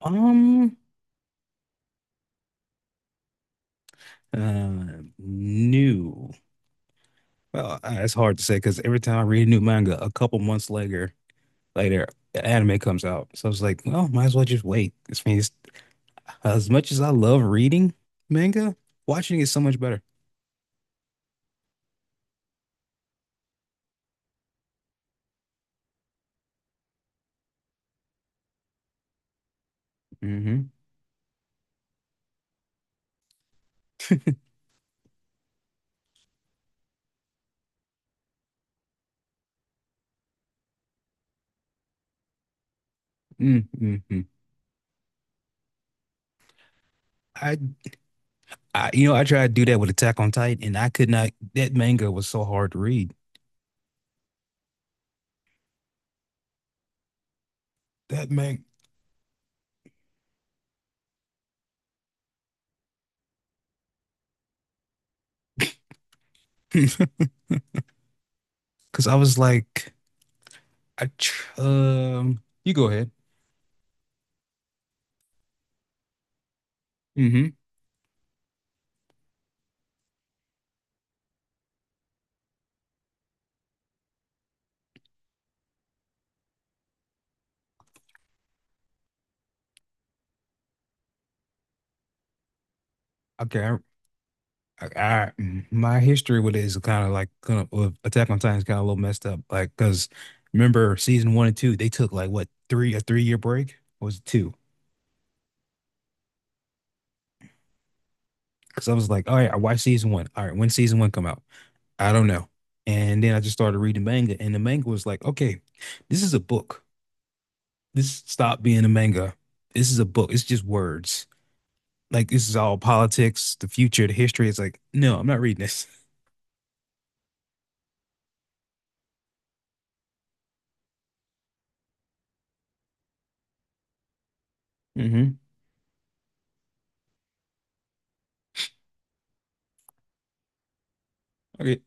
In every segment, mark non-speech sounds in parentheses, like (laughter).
Um, uh, New. Well, it's hard to say because every time I read a new manga, a couple months later, the anime comes out. So I was like, well, might as well just wait. This means as much as I love reading manga, watching is so much better. Hmm. Mm. Mm-hmm. I, I I tried to do that with Attack on Titan, and I could not. That manga was so hard to read. That manga, (laughs) because I was like, I, tr you go ahead. Mm-hmm. Okay, I, my history with it is kind of like with Attack on Titan is kind of a little messed up. Like, cause remember season one and two, they took like what, three, a 3 year break? Or was it two? Cause I was like, all right, I watched season one. All right, when season one come out, I don't know. And then I just started reading manga, and the manga was like, okay, this is a book. This stop being a manga. This is a book. It's just words. Like this is all politics, the future, the history. It's like, no, I'm not reading this. (laughs) Hmm. Okay.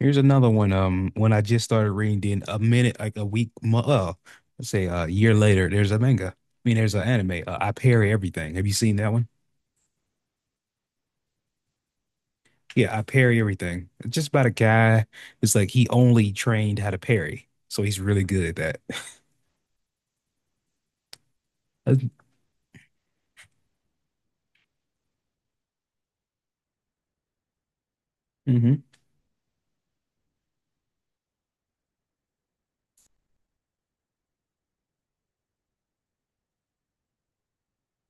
Here's another one. When I just started reading, then a minute, like a week, let's say a year later, there's a manga. I mean, there's an anime. I Parry Everything. Have you seen that one? Yeah, I Parry Everything. It's just about a guy. It's like he only trained how to parry, so he's really good at that. Mm-hmm.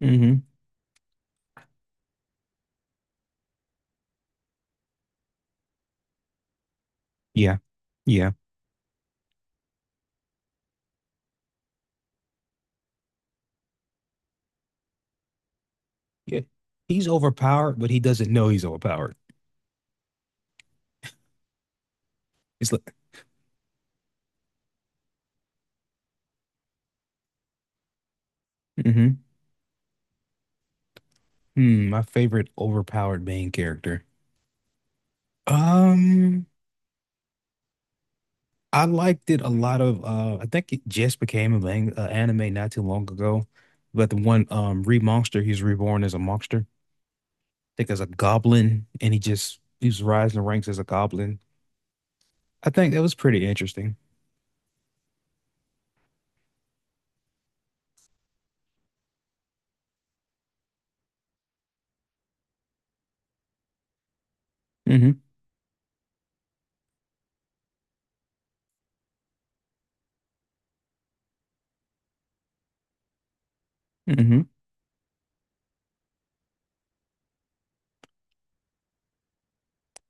Mm-hmm. Yeah. Yeah. Yeah. He's overpowered, but he doesn't know he's overpowered. It's like, mm-hmm. Hmm, my favorite overpowered main character. Um. I liked it a lot of I think it just became a lang anime not too long ago. But the one Re Monster, he's reborn as a monster. I think as a goblin and he's rising the ranks as a goblin. I think that was pretty interesting. Hmm. Hmm.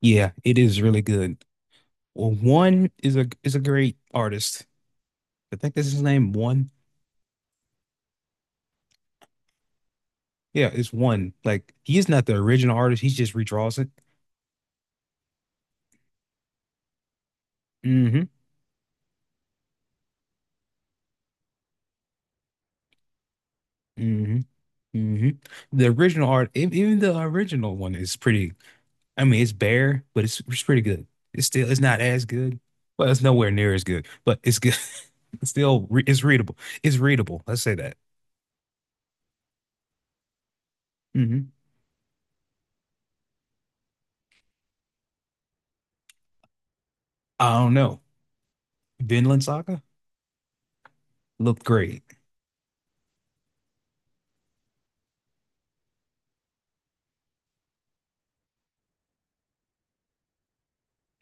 Yeah, it is really good. Well, One is a great artist. I think that's his name, One. Yeah, it's One. Like he is not the original artist, he just redraws it. Hmm. Hmm. Hmm. The original art, even the original one is pretty, I mean, it's bare, but it's pretty good. It's still, it's not as good. Well, it's nowhere near as good, but it's good. (laughs) It's still it's readable. It's readable. Let's say that. Mm-hmm. I don't know. Vinland Saga looked great.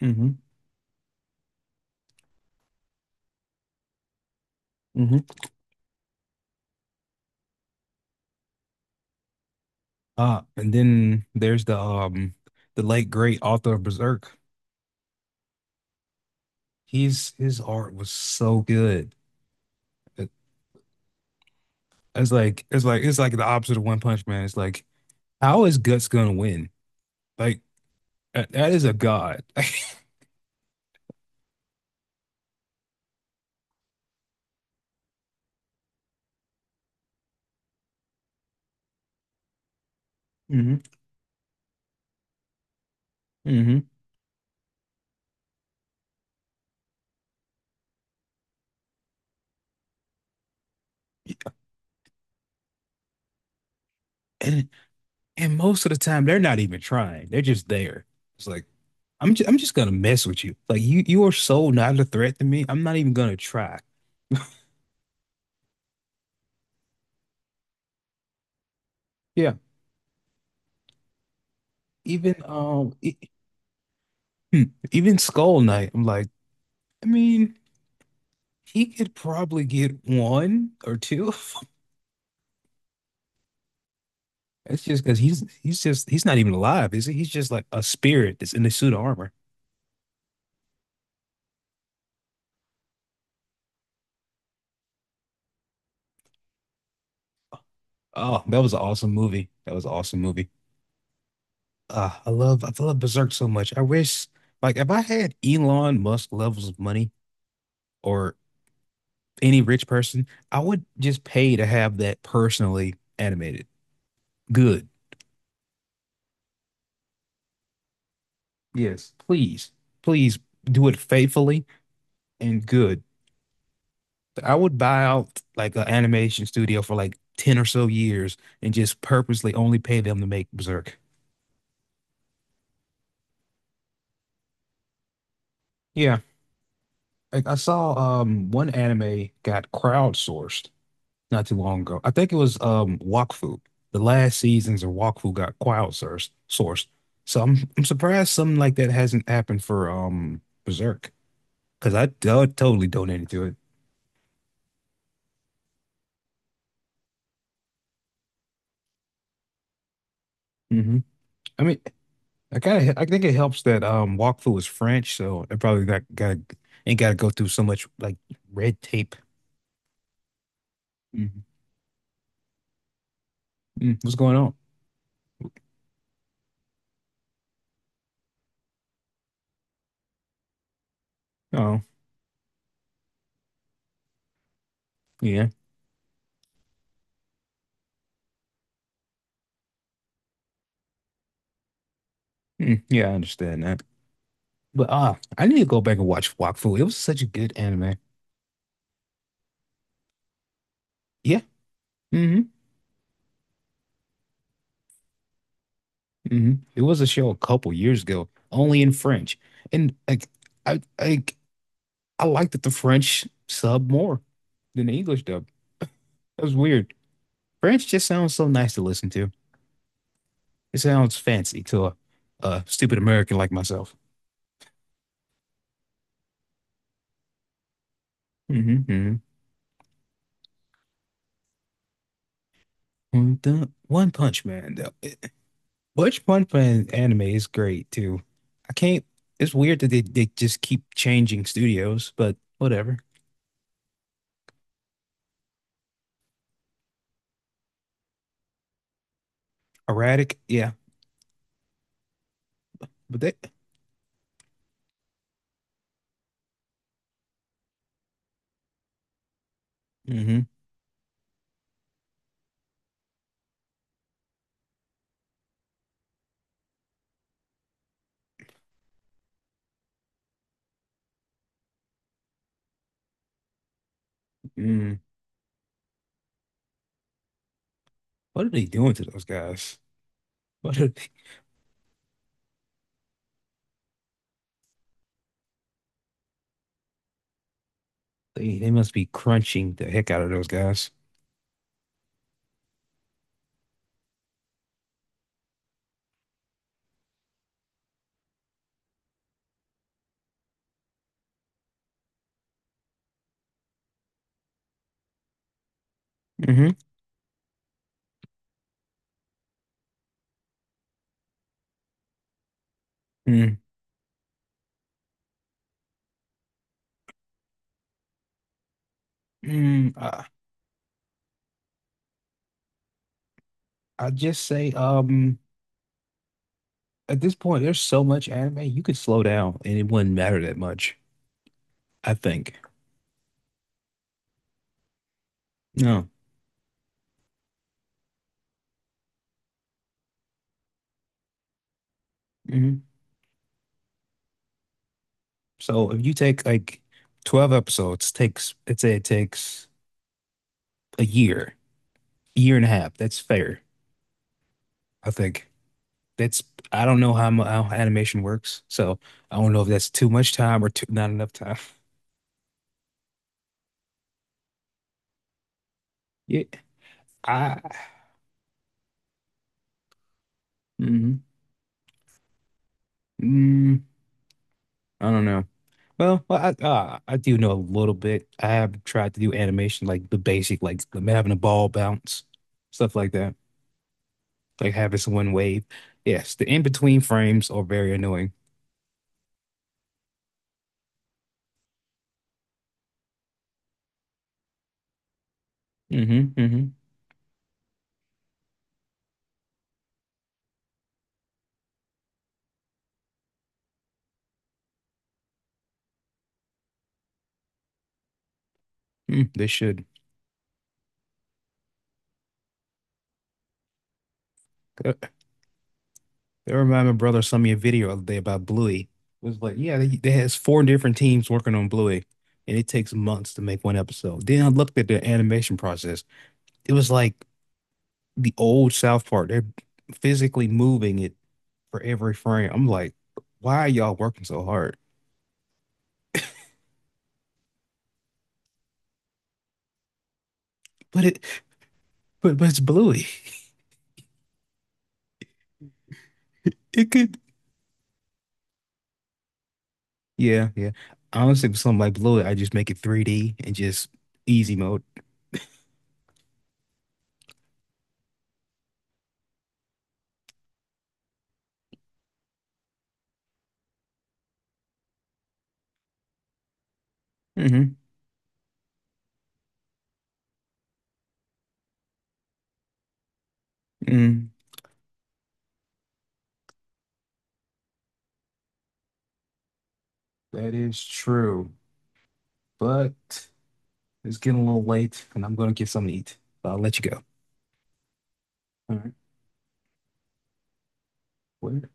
Mm-hmm. Mm-hmm. And then there's the the late great author of Berserk. He's His art was so good. It- It's like it's like the opposite of One Punch Man. It's like how is Guts gonna win? Like that, that is a god. (laughs) Mm-hmm. Mm-hmm. And most of the time, they're not even trying. They're just there. It's like, I'm just gonna mess with you. Like you are so not a threat to me. I'm not even gonna try. Yeah. Even hmm, even Skull Knight. I'm like, I mean, he could probably get one or two. (laughs) It's just because he's not even alive, is he? He's just like a spirit that's in a suit of armor. Oh, that was an awesome movie. That was an awesome movie. I love Berserk so much. I wish, like, if I had Elon Musk levels of money, or any rich person, I would just pay to have that personally animated. Good. Yes. Please, please do it faithfully and good. I would buy out like an animation studio for like 10 or so years and just purposely only pay them to make Berserk. Yeah. Like I saw one anime got crowdsourced not too long ago. I think it was Wakfu. The last seasons of Wakfu got crowd source sourced. So I'm surprised something like that hasn't happened for Berserk because I totally donated to it. Hmm. I mean, I kind of I think it helps that Wakfu is French, so it probably got ain't got to go through so much like red tape. Mhm. Mm, what's going on? Oh, yeah. Mm, yeah, I understand that. But ah, I need to go back and watch Wakfu. It was such a good anime. Yeah. Hmm. Hmm. It was a show a couple years ago, only in French. And like, I like I liked that the French sub more than the English dub. That was weird. French just sounds so nice to listen to. It sounds fancy to a stupid American like myself. Mm-hmm. The One Punch Man, though. Which Punch Man anime is great too. I can't. It's weird that they just keep changing studios, but whatever. Erratic, yeah. But they. Mm-hmm. What are they doing to those guys? What are they? They must be crunching the heck out of those guys. Hmm. Mm. Mm. I just say, at this point, there's so much anime, you could slow down and it wouldn't matter that much, I think. No. Hmm. So if you take like 12 episodes, takes, let's say it takes a year, year and a half. That's fair, I think. That's, I don't know how animation works, so I don't know if that's too much time or not enough time. Yeah. I hmm Mm, I don't know. Well, I do know a little bit. I have tried to do animation, like the basic, like having a ball bounce, stuff like that, like having someone wave. Yes, the in-between frames are very annoying. Hmm. Hmm. Mm, they should. Uh, That reminded, my brother sent me a video the other day about Bluey. It was like, yeah, they has 4 different teams working on Bluey, and it takes months to make one episode. Then I looked at the animation process. It was like the old South Park. They're physically moving it for every frame. I'm like, why are y'all working so hard? But it, but but it's Bluey. It could, yeah, yeah. Honestly, for something like Bluey, I just make it 3D and just easy mode. Hmm. Mm, that is true. But it's getting a little late, and I'm gonna get something to eat. I'll let you go. All right. Where